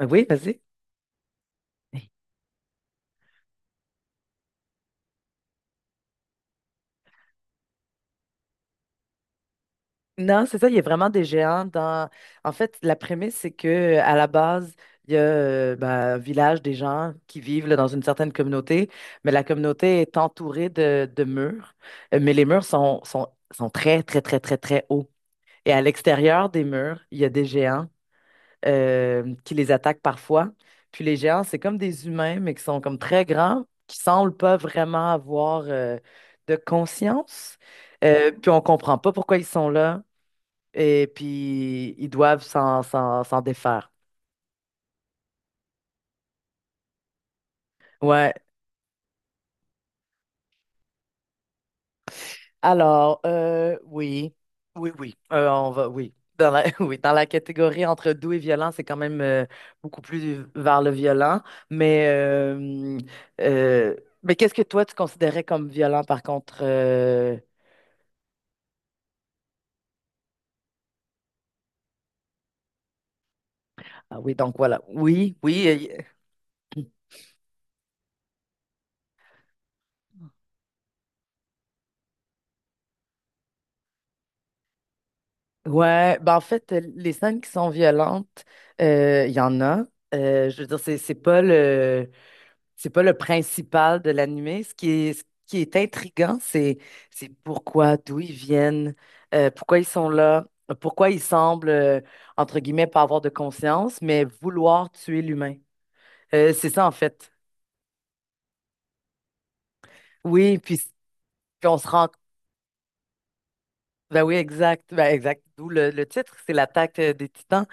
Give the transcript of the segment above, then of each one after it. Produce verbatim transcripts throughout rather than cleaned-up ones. Oui, vas-y. Non, c'est ça, il y a vraiment des géants dans. En fait, la prémisse, c'est que à la base, il y a euh, ben, un village des gens qui vivent là, dans une certaine communauté, mais la communauté est entourée de, de murs. Euh, mais les murs sont, sont, sont très, très, très, très, très hauts. Et à l'extérieur des murs, il y a des géants euh, qui les attaquent parfois. Puis les géants, c'est comme des humains, mais qui sont comme très grands, qui semblent pas vraiment avoir euh, de conscience. Euh, puis on comprend pas pourquoi ils sont là. Et puis ils doivent s'en s'en- s'en défaire. Ouais, alors, euh, oui, oui, oui, euh, on va, oui. Dans la, oui, dans la catégorie entre doux et violent, c'est quand même euh, beaucoup plus vers le violent. Mais, euh, euh, mais qu'est-ce que toi, tu considérais comme violent, par contre? euh, Ah oui, donc voilà. Oui, oui. euh, Ouais, ben en fait, euh, les scènes qui sont violentes, euh, il y en a. Euh, je veux dire, c'est c'est pas le, C'est pas le principal de l'animé. Ce qui est, ce qui est intriguant, c'est c'est pourquoi, d'où ils viennent, euh, pourquoi ils sont là, pourquoi ils semblent, euh, entre guillemets, pas avoir de conscience, mais vouloir tuer l'humain. Euh, c'est ça, en fait. Oui, puis, puis on se rend. Ben oui, exact. Ben exact. D'où le, le titre, c'est l'attaque euh, des Titans.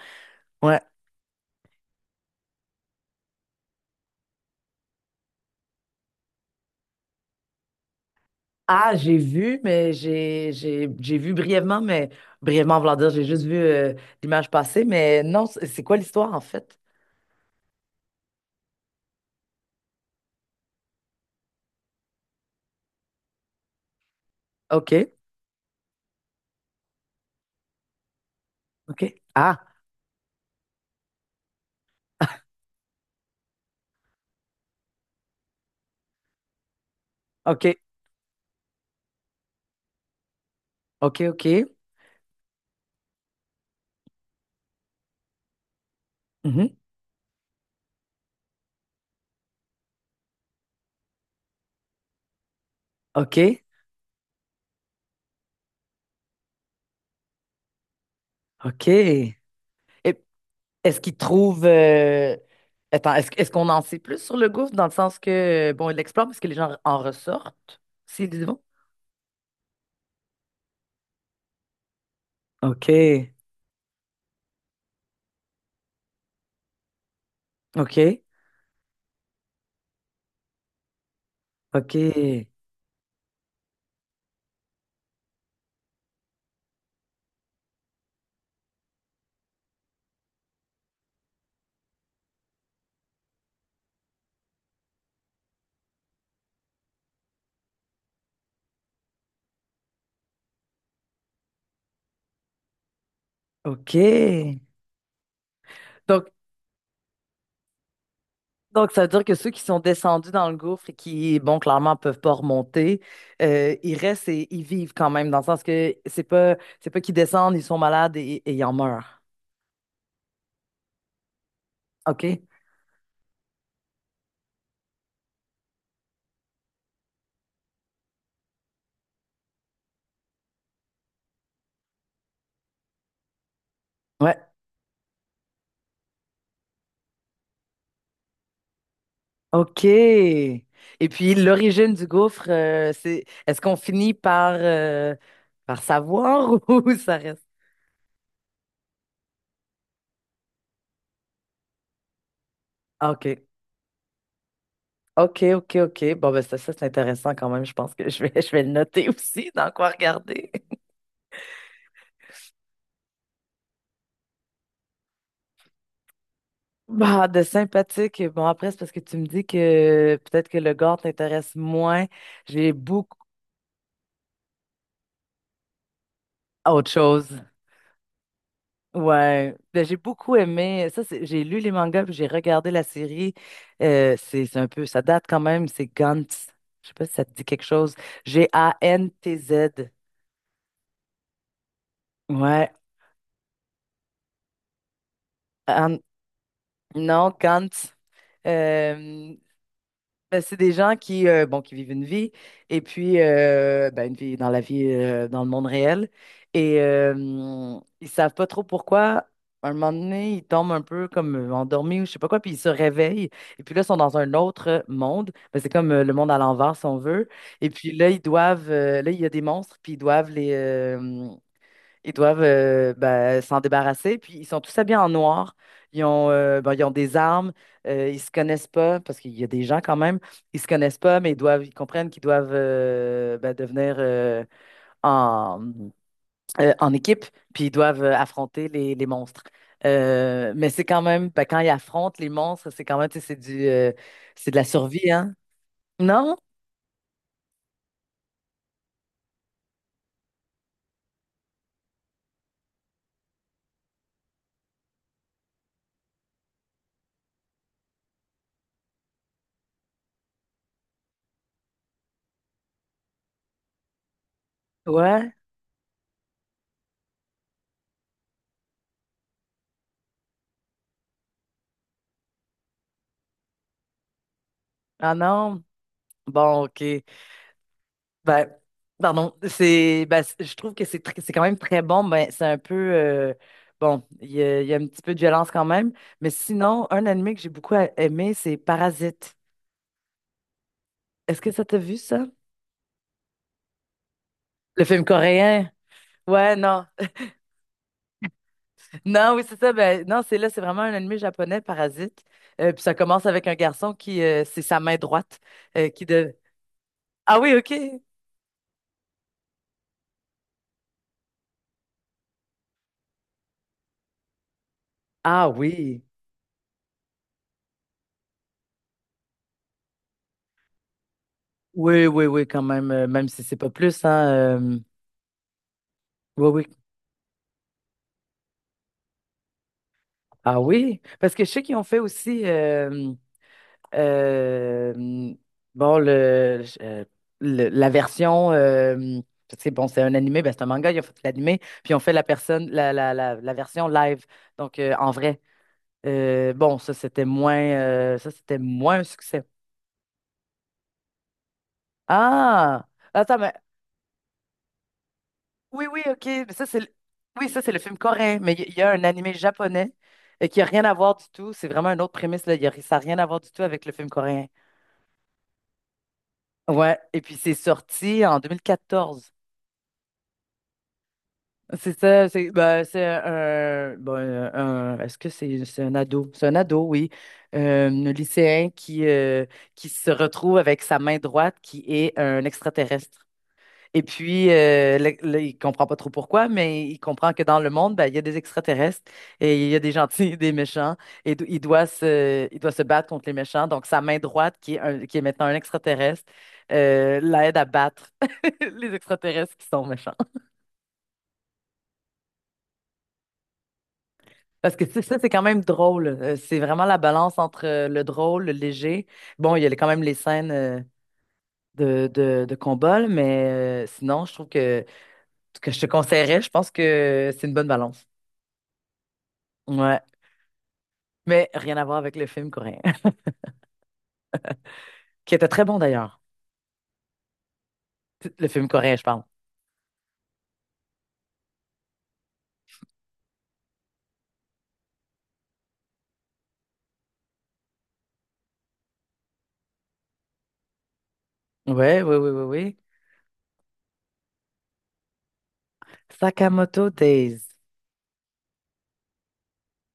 Ouais. Ah, j'ai vu, mais j'ai j'ai j'ai vu brièvement, mais brièvement, vouloir dire, j'ai juste vu euh, l'image passer, mais non, c'est c'est quoi l'histoire, en fait? OK. Ok. Ah, ok, ok, ok. Mhm. Ok, ok. Et est-ce qu'il trouve... euh, Attends, est-ce, est-ce qu'on en sait plus sur le gouffre dans le sens que, bon, il l'explore parce que les gens en ressortent, s'ils y vont? Ok, ok, ok, ok. Donc, donc, ça veut dire que ceux qui sont descendus dans le gouffre et qui, bon, clairement, peuvent pas remonter, euh, ils restent et ils vivent quand même, dans le sens que c'est pas, c'est pas qu'ils descendent, ils sont malades et, et ils en meurent. Ok? Ouais. OK. Et puis l'origine du gouffre, euh, c'est est-ce qu'on finit par, euh, par savoir ou ça reste? Ah, OK. OK, OK, OK. Bon, ben ça, ça c'est intéressant quand même. Je pense que je vais, je vais le noter aussi dans quoi regarder. Bah, de sympathique. Bon, après, c'est parce que tu me dis que peut-être que le gore t'intéresse moins. J'ai beaucoup autre chose. Ouais, ben, j'ai beaucoup aimé. Ça, c'est- j'ai lu les mangas puis j'ai regardé la série. Euh, c'est c'est un peu, ça date quand même. C'est Gantz. Je sais pas si ça te dit quelque chose. G A N T Z. Ouais. An- non, Gantz. Euh, Ben, c'est des gens qui, euh, bon, qui vivent une vie, et puis euh, ben, une vie dans la vie, euh, dans le monde réel. Et euh, ils savent pas trop pourquoi. Un moment donné, ils tombent un peu comme euh, endormis ou je sais pas quoi, puis ils se réveillent. Et puis là, ils sont dans un autre monde. Ben, c'est comme euh, le monde à l'envers, si on veut. Et puis là, ils doivent, euh, là, il y a des monstres, puis ils doivent les, ils doivent euh, ben, s'en débarrasser. Puis ils sont tous habillés en noir. Ils ont, euh, bon, ils ont des armes. Euh, ils se connaissent pas parce qu'il y a des gens quand même. Ils se connaissent pas, mais ils doivent, ils comprennent qu'ils doivent euh, ben, devenir euh, en, euh, en équipe. Puis ils doivent euh, affronter les, les monstres. Euh, mais c'est quand même, ben, quand ils affrontent les monstres, c'est quand même, tu sais, c'est du, euh, c'est de la survie, hein? Non? Ouais? Ah non? Bon, OK. Ben, pardon, c'est, ben, c'est- je trouve que c'est tr- c'est quand même très bon. Ben, c'est un peu, euh, bon, il y a, il y a un petit peu de violence quand même. Mais sinon, un anime que j'ai beaucoup a- aimé, c'est Parasite. Est-ce que ça t'a vu ça? Le film coréen? Ouais, non. Non, oui, c'est ça. Ben, non, c'est là, c'est vraiment un anime japonais, Parasite. Euh, puis ça commence avec un garçon qui, euh, c'est sa main droite, euh, qui de. Ah oui, OK. Ah oui. Oui, oui, oui, quand même, euh, même si c'est pas plus, hein. euh, Oui, oui. Ah oui, parce que je sais qu'ils ont fait aussi euh, euh, hum, bon le, euh, le- la version euh, c'est bon, c'est un animé ben c'est un manga, ils ont fait l'animé puis ils ont fait la personne, la, la, la, la version live, donc euh, en vrai. Euh, bon, ça c'était moins euh, ça c'était moins un succès. Ah, attends, mais oui, oui, ok, mais ça c'est le- oui, ça c'est le film coréen, mais il y il y a un animé japonais euh, qui a rien à voir du tout, c'est vraiment une autre prémisse là. Il y a- ça a rien à voir du tout avec le film coréen. Ouais, et puis c'est sorti en deux mille quatorze. C'est ça, c'est bah, c'est un, bon, un- un- est-ce que c'est c'est un ado? C'est un ado, oui. Euh, un lycéen qui, euh, qui se retrouve avec sa main droite qui est un extraterrestre. Et puis, euh, là, là, il comprend pas trop pourquoi, mais il comprend que dans le monde, ben, il y a des extraterrestres et il y a des gentils et des méchants. Et do- il doit se, il doit se battre contre les méchants. Donc, sa main droite, qui est, un- qui est maintenant un extraterrestre, euh, l'aide à battre les extraterrestres qui sont méchants. Parce que c'est ça, c'est quand même drôle. Euh, C'est vraiment la balance entre euh, le drôle, le léger. Bon, il y a les- quand même les scènes euh, de, de, de combat, là, mais euh, sinon, je trouve que, que je te conseillerais, je pense que c'est une bonne balance. Ouais. Mais rien à voir avec le film coréen, qui était très bon d'ailleurs. Le film coréen, je parle. Ouais, oui, oui, oui, oui. Sakamoto Days.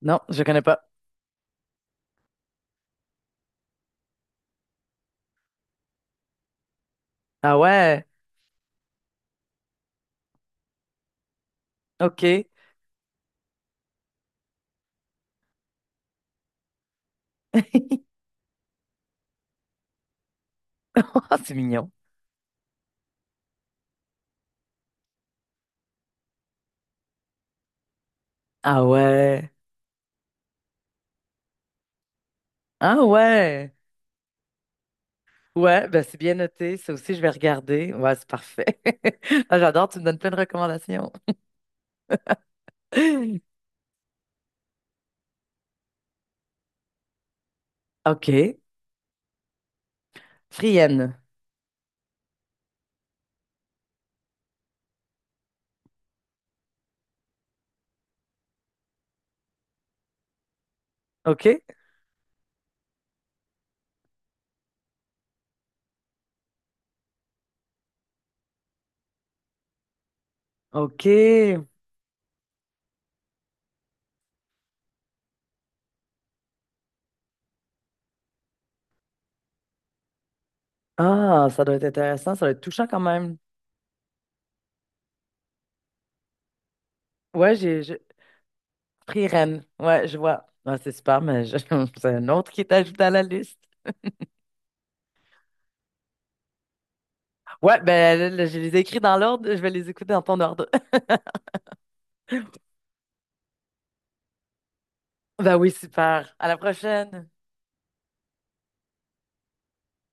Non, je connais pas. Ah ouais, ok. Ah, c'est mignon. Ah ouais. Ah ouais. Ouais, ben c'est bien noté. Ça aussi, je vais regarder. Ouais, c'est parfait. Ah, j'adore, tu me donnes plein de recommandations. OK. Frienne. OK. OK. Ah, ça doit être intéressant. Ça doit être touchant quand même. Ouais, j'ai, je- Prirène. Ouais, je vois. Ouais, c'est super, mais je- c'est un autre qui t'ajoute à la liste. Ouais, ben là, là, je les ai écrits dans l'ordre. Je vais les écouter dans ton ordre. Ben oui, super. À la prochaine.